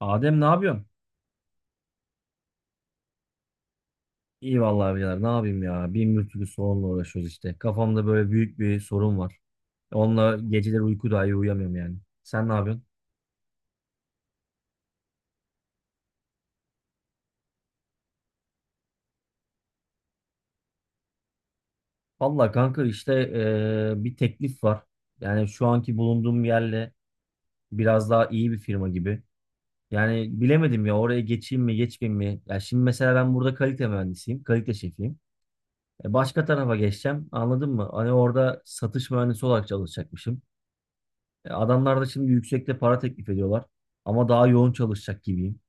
Adem ne yapıyorsun? İyi vallahi abiler ne yapayım ya. Bin bir türlü sorunla uğraşıyoruz işte. Kafamda böyle büyük bir sorun var. Onunla geceleri uyku dahi uyuyamıyorum yani. Sen ne yapıyorsun? Vallahi kanka işte bir teklif var. Yani şu anki bulunduğum yerle biraz daha iyi bir firma gibi. Yani bilemedim ya oraya geçeyim mi geçmeyeyim mi? Ya şimdi mesela ben burada kalite mühendisiyim. Kalite şefiyim. Başka tarafa geçeceğim anladın mı? Hani orada satış mühendisi olarak çalışacakmışım. Adamlar da şimdi yüksekte para teklif ediyorlar. Ama daha yoğun çalışacak gibiyim.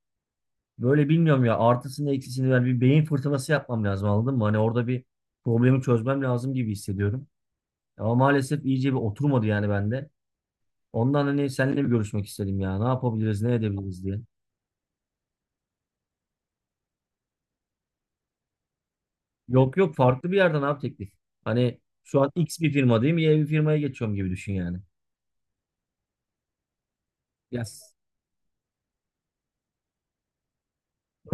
Böyle bilmiyorum ya, artısını eksisini ver bir beyin fırtınası yapmam lazım anladın mı? Hani orada bir problemi çözmem lazım gibi hissediyorum. Ama maalesef iyice bir oturmadı yani bende. Ondan hani seninle bir görüşmek istedim ya. Ne yapabiliriz, ne edebiliriz diye. Yok yok farklı bir yerden abi teklif. Hani şu an X bir firma değil mi? Y bir firmaya geçiyorum gibi düşün yani. Yes.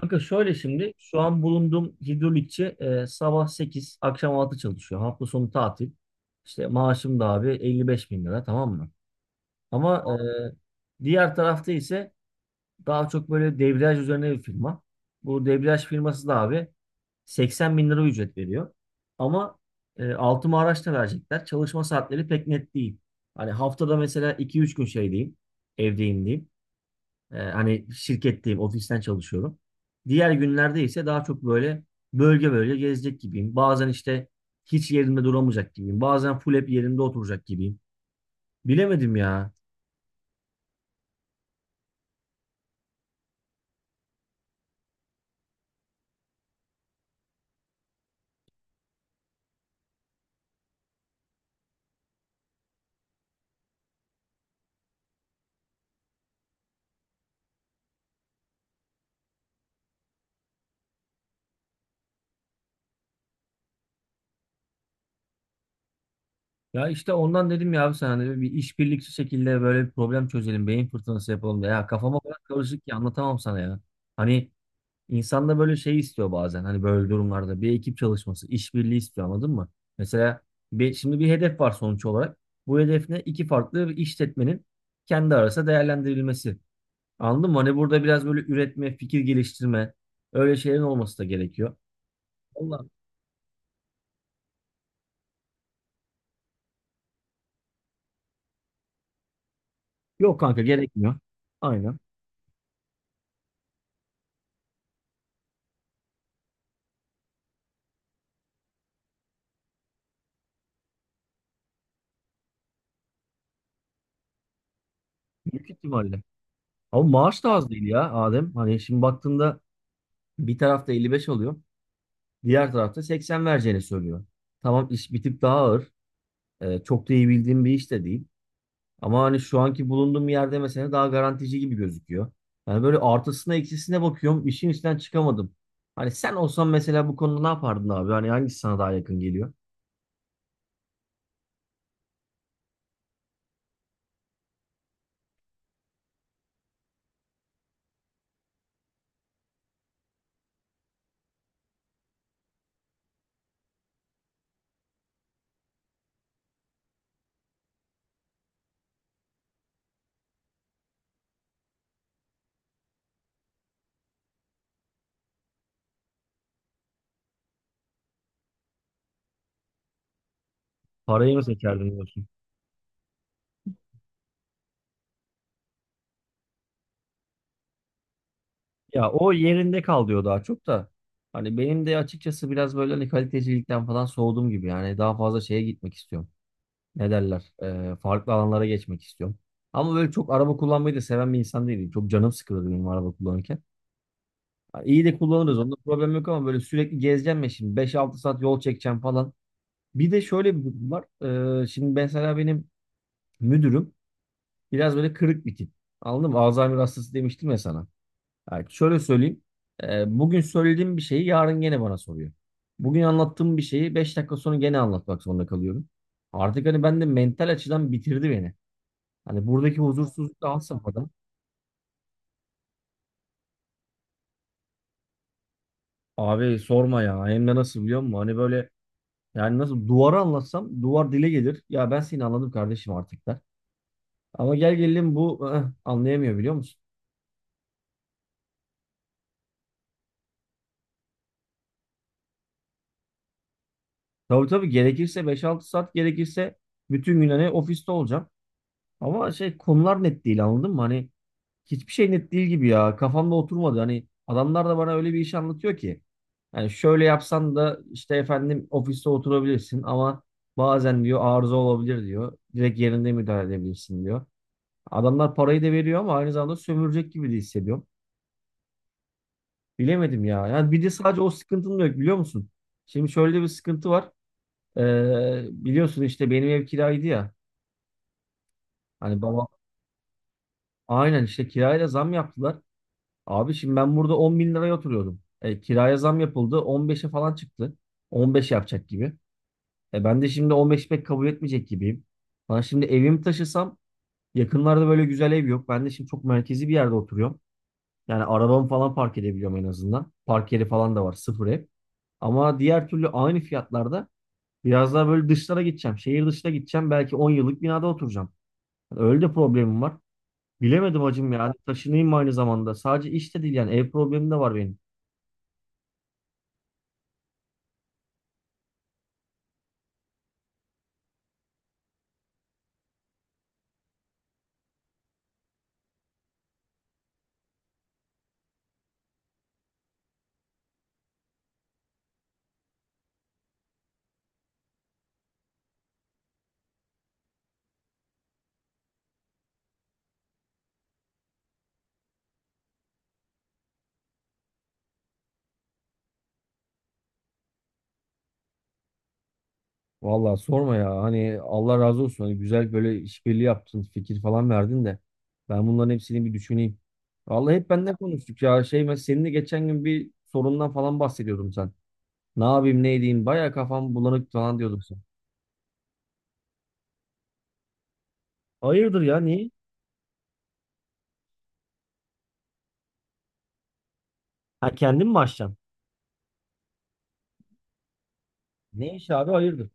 Kanka şöyle, şimdi şu an bulunduğum hidrolikçi sabah 8 akşam 6 çalışıyor. Hafta sonu tatil. İşte maaşım da abi 55 bin lira, tamam mı? Ama diğer tarafta ise daha çok böyle debriyaj üzerine bir firma. Bu debriyaj firması da abi 80 bin lira ücret veriyor. Ama altıma araç da verecekler. Çalışma saatleri pek net değil. Hani haftada mesela 2-3 gün şeydeyim. Evdeyim diyeyim. Hani şirketteyim, ofisten çalışıyorum. Diğer günlerde ise daha çok böyle bölge bölge gezecek gibiyim. Bazen işte hiç yerimde duramayacak gibiyim. Bazen full hep yerimde oturacak gibiyim. Bilemedim ya. Ya işte ondan dedim ya abi sana, hani bir işbirlikçi şekilde böyle bir problem çözelim, beyin fırtınası yapalım da, ya kafama kadar karışık ki anlatamam sana ya. Hani İnsan da böyle şey istiyor bazen, hani böyle durumlarda bir ekip çalışması, işbirliği istiyor anladın mı? Mesela bir, şimdi bir hedef var sonuç olarak. Bu hedef ne? İki farklı bir işletmenin kendi arasında değerlendirilmesi. Anladın mı? Hani burada biraz böyle üretme, fikir geliştirme, öyle şeylerin olması da gerekiyor. Vallahi yok kanka, gerekmiyor. Aynen. Büyük ihtimalle. Ama maaş da az değil ya Adem. Hani şimdi baktığında bir tarafta 55 alıyor, diğer tarafta 80 vereceğini söylüyor. Tamam, iş bir tık daha ağır. Çok da iyi bildiğim bir iş de değil. Ama hani şu anki bulunduğum yerde mesela daha garantici gibi gözüküyor. Yani böyle artısına eksisine bakıyorum. İşin içinden çıkamadım. Hani sen olsan mesela bu konuda ne yapardın abi? Hani hangisi sana daha yakın geliyor? Parayı mı seçerdin diyorsun? Ya o yerinde kal diyor daha çok da. Hani benim de açıkçası biraz böyle hani kalitecilikten falan soğudum gibi. Yani daha fazla şeye gitmek istiyorum. Ne derler? Farklı alanlara geçmek istiyorum. Ama böyle çok araba kullanmayı da seven bir insan değilim. Çok canım sıkılır benim araba kullanırken. Ha, İyi de kullanırız. Onda problem yok, ama böyle sürekli gezeceğim ya şimdi. 5-6 saat yol çekeceğim falan. Bir de şöyle bir durum var. Şimdi mesela benim müdürüm biraz böyle kırık bir tip. Anladın mı? Alzheimer hastası demiştim ya sana. Yani şöyle söyleyeyim. Bugün söylediğim bir şeyi yarın gene bana soruyor. Bugün anlattığım bir şeyi 5 dakika sonra gene anlatmak zorunda kalıyorum. Artık hani ben de mental açıdan bitirdi beni. Hani buradaki huzursuzluk da had safhada. Abi sorma ya. Hem de nasıl biliyor musun? Hani böyle, yani nasıl duvara anlatsam duvar dile gelir. Ya ben seni anladım kardeşim artık der. Ama gel gelelim bu anlayamıyor biliyor musun? Tabii tabii, gerekirse 5-6 saat, gerekirse bütün gün hani ofiste olacağım. Ama şey, konular net değil anladın mı? Hani hiçbir şey net değil gibi ya. Kafamda oturmadı. Hani adamlar da bana öyle bir iş anlatıyor ki. Yani şöyle yapsan da işte efendim ofiste oturabilirsin, ama bazen diyor arıza olabilir diyor. Direkt yerinde müdahale edebilirsin diyor. Adamlar parayı da veriyor ama aynı zamanda sömürecek gibi de hissediyorum. Bilemedim ya. Yani bir de sadece o sıkıntım da yok biliyor musun? Şimdi şöyle bir sıkıntı var. Biliyorsun işte benim ev kiraydı ya. Hani baba, aynen işte kiraya da zam yaptılar. Abi şimdi ben burada 10 bin liraya oturuyordum. Kiraya zam yapıldı. 15'e falan çıktı. 15 yapacak gibi. Ben de şimdi 15 pek kabul etmeyecek gibiyim. Ben şimdi evimi taşısam yakınlarda böyle güzel ev yok. Ben de şimdi çok merkezi bir yerde oturuyorum. Yani arabamı falan park edebiliyorum en azından. Park yeri falan da var. Sıfır ev. Ama diğer türlü aynı fiyatlarda biraz daha böyle dışlara gideceğim. Şehir dışına gideceğim. Belki 10 yıllık binada oturacağım. Öyle de problemim var. Bilemedim hacım ya, taşınayım mı aynı zamanda? Sadece işte de değil yani. Ev problemim de var benim. Vallahi sorma ya. Hani Allah razı olsun. Hani güzel böyle işbirliği yaptın. Fikir falan verdin de. Ben bunların hepsini bir düşüneyim. Vallahi hep benden konuştuk ya. Şey, mesela seninle geçen gün bir sorundan falan bahsediyordum sen. Ne yapayım ne edeyim. Baya kafam bulanık falan diyordun sen. Hayırdır ya, niye? Ha, kendin mi açacaksın? Ne iş abi, hayırdır?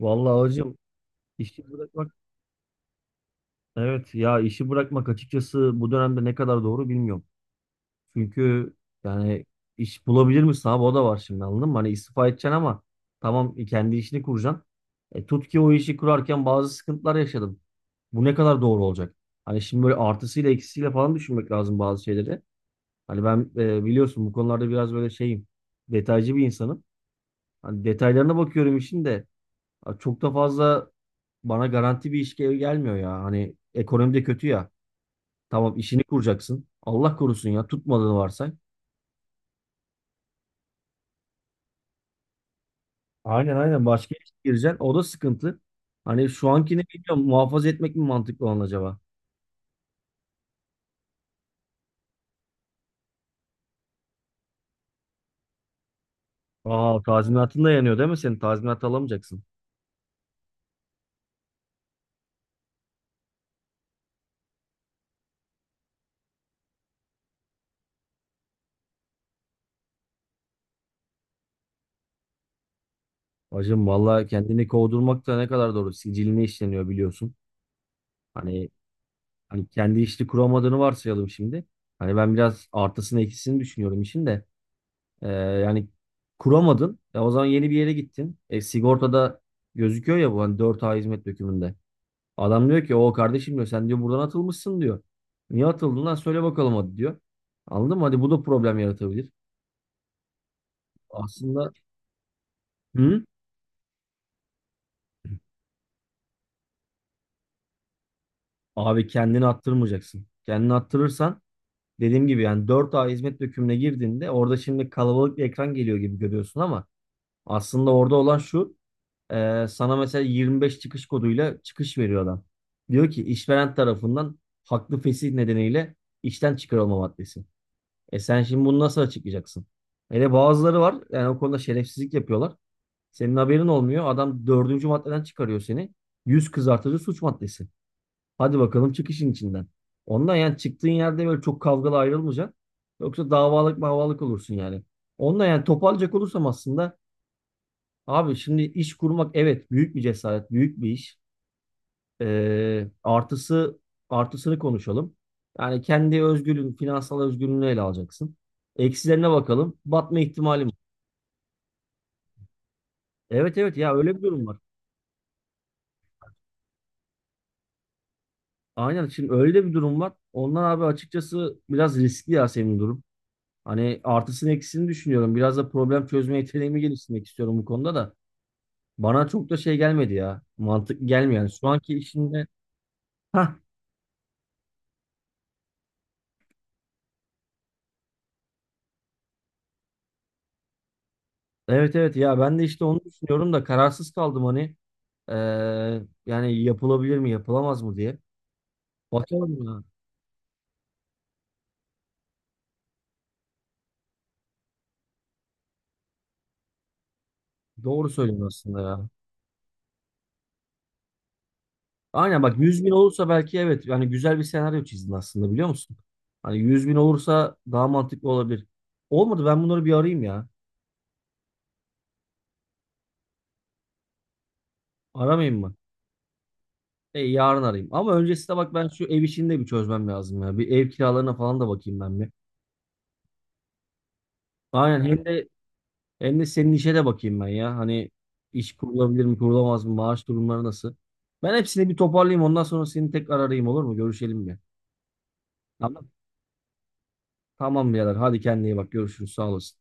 Vallahi hocam, İşi bırakmak, evet ya işi bırakmak açıkçası bu dönemde ne kadar doğru bilmiyorum. Çünkü yani iş bulabilir misin abi, o da var şimdi anladın mı? Hani istifa edeceksin ama tamam, kendi işini kuracaksın. Tut ki o işi kurarken bazı sıkıntılar yaşadım. Bu ne kadar doğru olacak? Hani şimdi böyle artısıyla eksisiyle falan düşünmek lazım bazı şeyleri. Hani ben biliyorsun bu konularda biraz böyle şeyim, detaycı bir insanım. Hani detaylarına bakıyorum işin de. Abi çok da fazla bana garanti bir iş gelmiyor ya. Hani ekonomi de kötü ya. Tamam, işini kuracaksın. Allah korusun ya, tutmadığını varsay. Aynen aynen, başka işe gireceksin. O da sıkıntı. Hani şu ankini bilmiyorum, muhafaza etmek mi mantıklı olan acaba? Aa, tazminatın da yanıyor değil mi senin? Tazminat alamayacaksın. Hacım valla kendini kovdurmak da ne kadar doğru. Siciline işleniyor biliyorsun. Hani, hani kendi işini kuramadığını varsayalım şimdi. Hani ben biraz artısını eksisini düşünüyorum işin de. Yani kuramadın. Ya o zaman yeni bir yere gittin. Sigortada gözüküyor ya bu, hani dört a hizmet dökümünde. Adam diyor ki o kardeşim diyor, sen diyor buradan atılmışsın diyor. Niye atıldın lan, söyle bakalım hadi diyor. Anladın mı? Hadi, bu da problem yaratabilir. Aslında, hı? Abi kendini attırmayacaksın. Kendini attırırsan dediğim gibi yani dört a hizmet dökümüne girdiğinde orada şimdi kalabalık bir ekran geliyor gibi görüyorsun ama aslında orada olan şu: sana mesela 25 çıkış koduyla çıkış veriyor adam. Diyor ki işveren tarafından haklı fesih nedeniyle işten çıkarılma maddesi. E sen şimdi bunu nasıl açıklayacaksın? Hele bazıları var yani, o konuda şerefsizlik yapıyorlar. Senin haberin olmuyor. Adam dördüncü maddeden çıkarıyor seni. Yüz kızartıcı suç maddesi. Hadi bakalım çıkışın içinden. Ondan yani çıktığın yerde böyle çok kavgalı ayrılmayacaksın. Yoksa davalık mavalık olursun yani. Ondan yani toparlayacak olursam aslında, abi şimdi iş kurmak evet, büyük bir cesaret, büyük bir iş. Ee, artısı Artısını konuşalım. Yani kendi özgürlüğün, finansal özgürlüğünü ele alacaksın. Eksilerine bakalım. Batma ihtimali mi? Evet evet ya, öyle bir durum var. Aynen, şimdi öyle bir durum var. Ondan abi açıkçası biraz riskli ya senin durum. Hani artısını eksisini düşünüyorum. Biraz da problem çözme yeteneğimi geliştirmek istiyorum bu konuda da. Bana çok da şey gelmedi ya. Mantık gelmiyor. Yani şu anki işinde. Evet evet ya, ben de işte onu düşünüyorum da kararsız kaldım hani. Ee, Yani yapılabilir mi yapılamaz mı diye. Bakalım ya. Doğru söylüyorsun aslında ya. Aynen bak, 100 bin olursa belki evet, yani güzel bir senaryo çizdin aslında biliyor musun? Hani 100 bin olursa daha mantıklı olabilir. Olmadı, ben bunları bir arayayım ya. Aramayayım mı? Yarın arayayım. Ama öncesinde bak ben şu ev işini de bir çözmem lazım ya. Bir ev kiralarına falan da bakayım ben bir. Aynen, hem de hem de senin işe de bakayım ben ya. Hani iş kurulabilir mi, kurulamaz mı, maaş durumları nasıl? Ben hepsini bir toparlayayım ondan sonra seni tekrar arayayım, olur mu? Görüşelim bir. Tamam. Tamam birader. Hadi kendine iyi bak. Görüşürüz. Sağ olasın.